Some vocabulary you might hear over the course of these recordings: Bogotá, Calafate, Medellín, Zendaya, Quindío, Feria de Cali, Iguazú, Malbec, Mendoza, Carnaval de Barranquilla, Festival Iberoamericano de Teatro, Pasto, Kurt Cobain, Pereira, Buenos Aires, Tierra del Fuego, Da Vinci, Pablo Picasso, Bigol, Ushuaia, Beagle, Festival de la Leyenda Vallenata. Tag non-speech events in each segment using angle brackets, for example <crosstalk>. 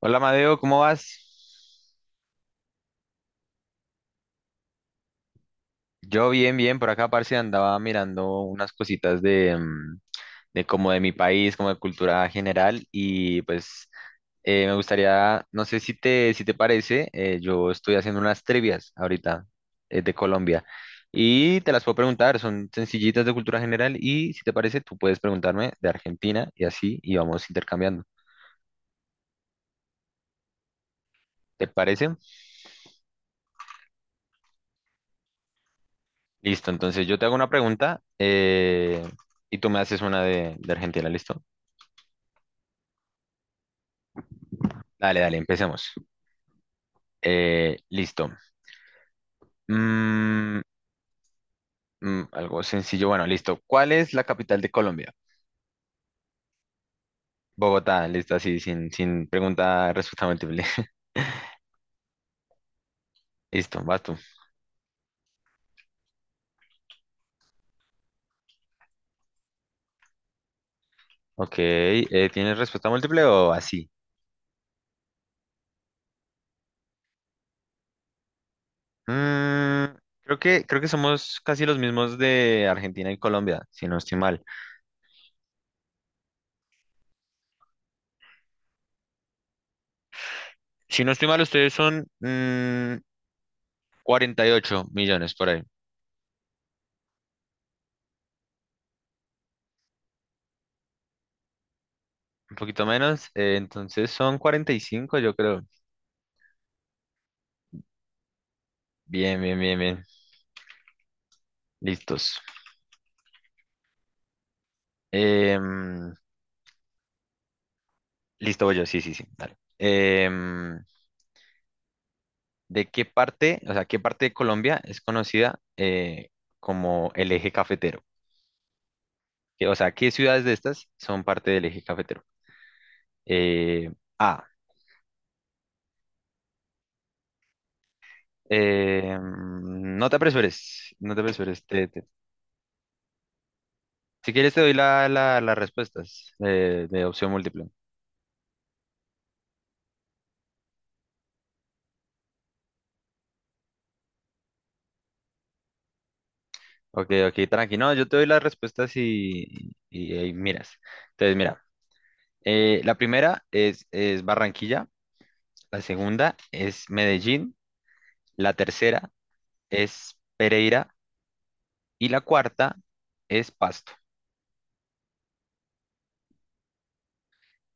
Hola Madeo, ¿cómo vas? Yo bien, bien, por acá parce andaba mirando unas cositas de como de mi país, como de cultura general y pues me gustaría, no sé si te parece, yo estoy haciendo unas trivias ahorita de Colombia y te las puedo preguntar, son sencillitas de cultura general y si te parece tú puedes preguntarme de Argentina y así y vamos intercambiando. ¿Te parece? Listo, entonces yo te hago una pregunta y tú me haces una de Argentina, ¿listo? Dale, dale, empecemos. Listo. Mm, Algo sencillo, bueno, listo. ¿Cuál es la capital de Colombia? Bogotá, listo, así, sin pregunta, respuesta múltiple. <laughs> Listo, vas tú. Ok, ¿tienes respuesta múltiple o así? Mm, creo que somos casi los mismos de Argentina y Colombia, si no estoy mal. Si no estoy mal, ustedes son 48 millones por ahí. Un poquito menos. Entonces son 45 yo creo. Bien, bien, bien, bien. Listos. Em, Listo, voy yo. Sí, sí, sí. Dale. ¿De qué parte, o sea, qué parte de Colombia es conocida como el eje cafetero? Que, o sea, ¿qué ciudades de estas son parte del eje cafetero? Eh, A. No te apresures. No te apresures. Si quieres, te doy las respuestas de opción múltiple. Ok, ok, tranqui. No, yo te doy las respuestas y ahí miras. Entonces, mira, la primera es Barranquilla, la segunda es Medellín, la tercera es Pereira y la cuarta es Pasto.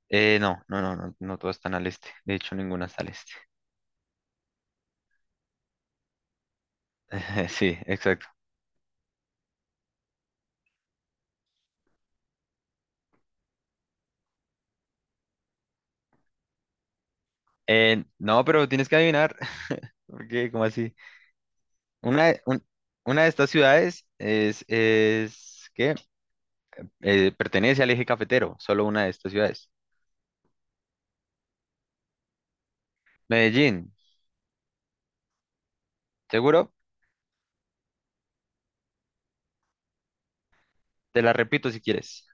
No, no, no, no, no todas están al este. De hecho, ninguna está al este. <laughs> Sí, exacto. No, pero tienes que adivinar, <laughs> ¿Por ¿Qué? ¿Cómo así? Una, de- un- una de estas ciudades es ¿qué? Pertenece al eje cafetero, solo una de estas ciudades. Medellín, ¿seguro? Te la repito si quieres.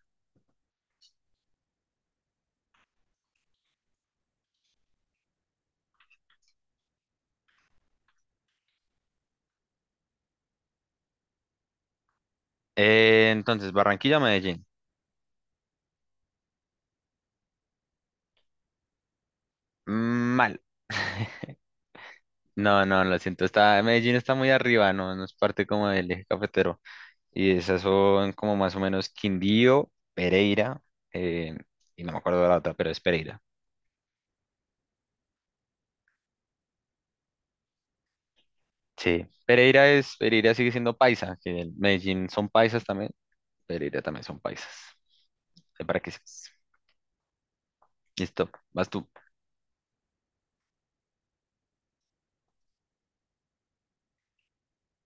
Entonces, Barranquilla, Medellín. Mm, mal. No, no, lo siento. Medellín está muy arriba, no, no es parte como del eje cafetero. Y esas son como más o menos Quindío, Pereira, eh, y no me acuerdo de la otra, pero es Pereira. Sí. Pereira sigue siendo paisa, que el Medellín son paisas también. Pereira también son paisas. Ahí para que sepas. Listo, vas tú.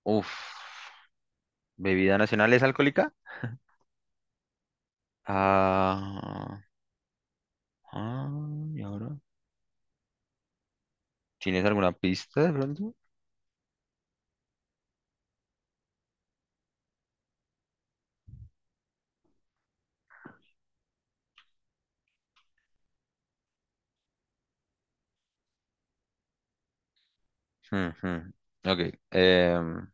Uf. ¿Bebida nacional es alcohólica? Ah. Ah, ¿y ahora? ¿Tienes alguna pista de pronto? Ujú. Ok. em,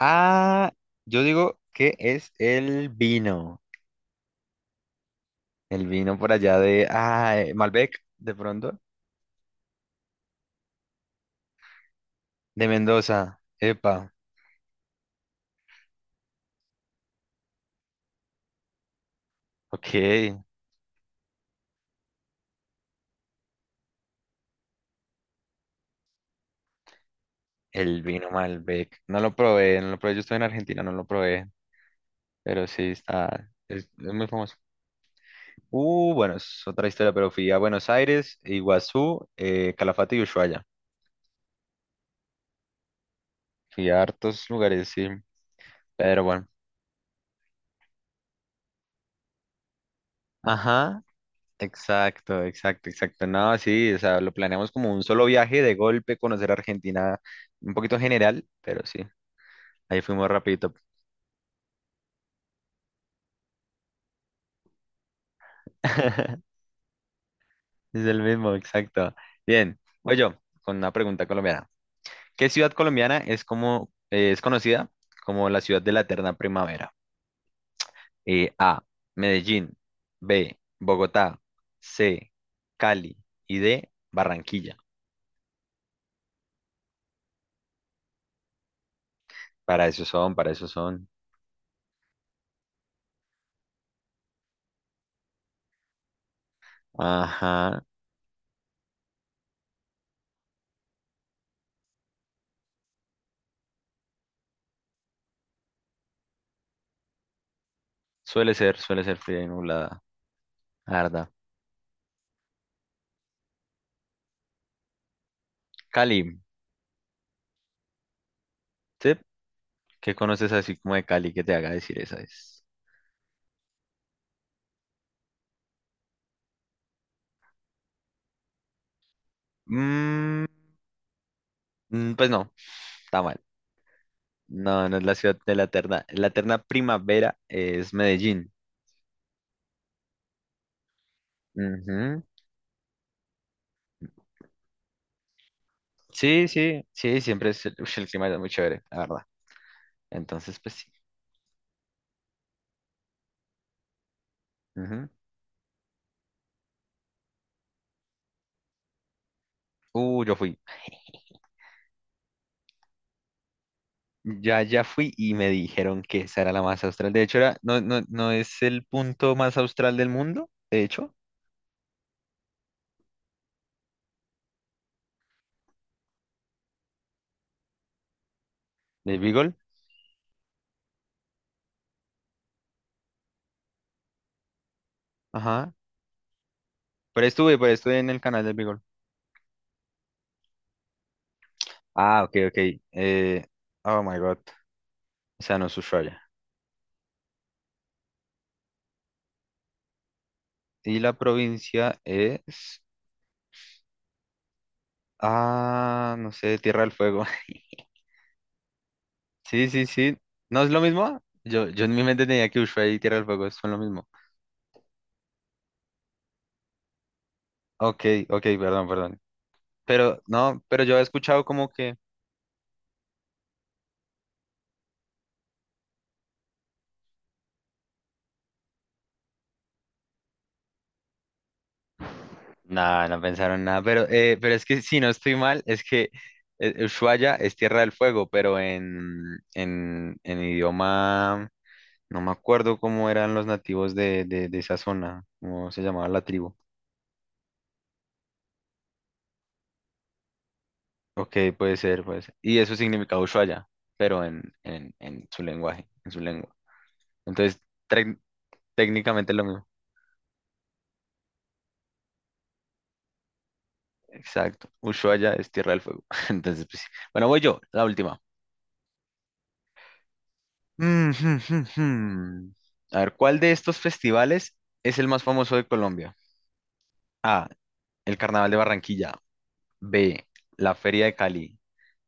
ah, yo digo que es el vino. El vino por allá de, Malbec, de pronto. De Mendoza. Epa. Ok. El vino Malbec. No lo probé, no lo probé. Yo estoy en Argentina, no lo probé. Pero sí está. Es muy famoso. Bueno, es otra historia, pero fui a Buenos Aires, Iguazú, Calafate y Ushuaia. Fui a hartos lugares, sí. Pero bueno. Ajá, exacto, exacto, exacto. No, sí, o sea, lo planeamos como un solo viaje de golpe, conocer Argentina un poquito general, pero sí, ahí fuimos rapidito. <laughs> Es el mismo, exacto. Bien, voy yo con una pregunta colombiana. ¿Qué ciudad colombiana es conocida como la ciudad de la eterna primavera? A, Medellín, B, Bogotá, C, Cali y D, Barranquilla. Para eso son, para eso son. Ajá. Suele ser fría y nublada, la verdad. Cali, ¿sí? ¿Qué conoces así como de Cali que te haga decir esa es? Mm, pues no, está mal. No, no es la ciudad de la eterna. La eterna primavera es Medellín. Ujú. Sí, sí, sí, siempre es, el clima es muy chévere, la verdad. Entonces, pues sí. Ujú. Yo fui. Ya fui y me dijeron que esa era la más austral. De hecho, era, no, no, no es el punto más austral del mundo, de hecho, de Beagle. Ajá, pero estuve en el canal del Bigol. Ah, ok, ok. Eh, oh my God. O sea, no es Ushuaia. Y la provincia es. Ah, no sé, Tierra del Fuego. <laughs> Sí, sí, sí. ¿No es lo mismo? Yo en mi mente tenía que Ushuaia y Tierra del Fuego son lo mismo. Ok, ok, perdón, perdón. Pero no, pero yo he escuchado como que. No, no pensaron nada, pero es que si no estoy mal, es que Ushuaia es Tierra del Fuego, pero en idioma. No me acuerdo cómo eran los nativos de esa zona, cómo se llamaba la tribu. Ok, puede ser, puede ser. Y eso significa Ushuaia, pero en su lenguaje, en su lengua. Entonces, tec- técnicamente lo mismo. Exacto. Ushuaia es Tierra del Fuego. <laughs> Entonces, pues, sí. Bueno, voy yo, la última. <laughs> Mm, jum, jum, jum. A ver, ¿cuál de estos festivales es el más famoso de Colombia? A, el Carnaval de Barranquilla. B. La Feria de Cali.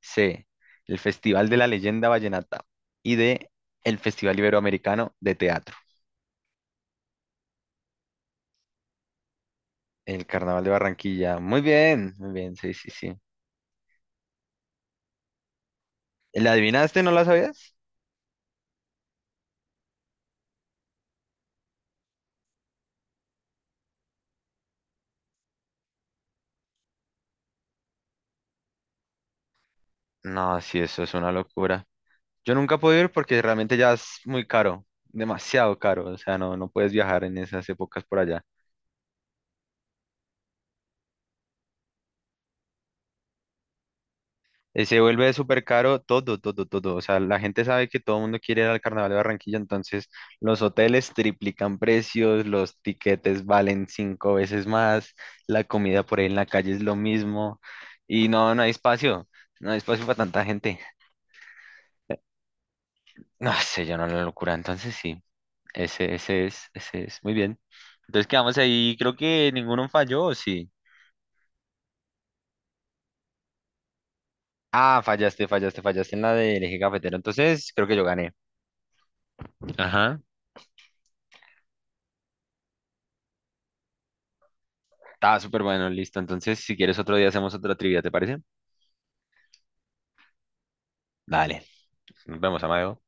C. El Festival de la Leyenda Vallenata. Y D. El Festival Iberoamericano de Teatro. El Carnaval de Barranquilla. Muy bien, sí, sí, sí. ¿La adivinaste? ¿No la sabías? No, sí, eso es una locura. Yo nunca he podido ir porque realmente ya es muy caro, demasiado caro. O sea, no, no puedes viajar en esas épocas por allá. Se vuelve súper caro todo, todo, todo. O sea, la gente sabe que todo el mundo quiere ir al Carnaval de Barranquilla, entonces los hoteles triplican precios, los tiquetes valen cinco veces más, la comida por ahí en la calle es lo mismo y no, no hay espacio, no hay espacio para tanta gente. <laughs> No sé, yo no la locura. Entonces sí, ese es, muy bien. Entonces quedamos ahí, creo que ninguno falló, ¿o sí? Ah, fallaste, fallaste, fallaste en la del eje cafetero. Entonces creo que yo gané. Ajá. Estaba súper bueno, listo. Entonces, si quieres otro día hacemos otra trivia, ¿te parece? Dale. Nos vemos, Amadeo.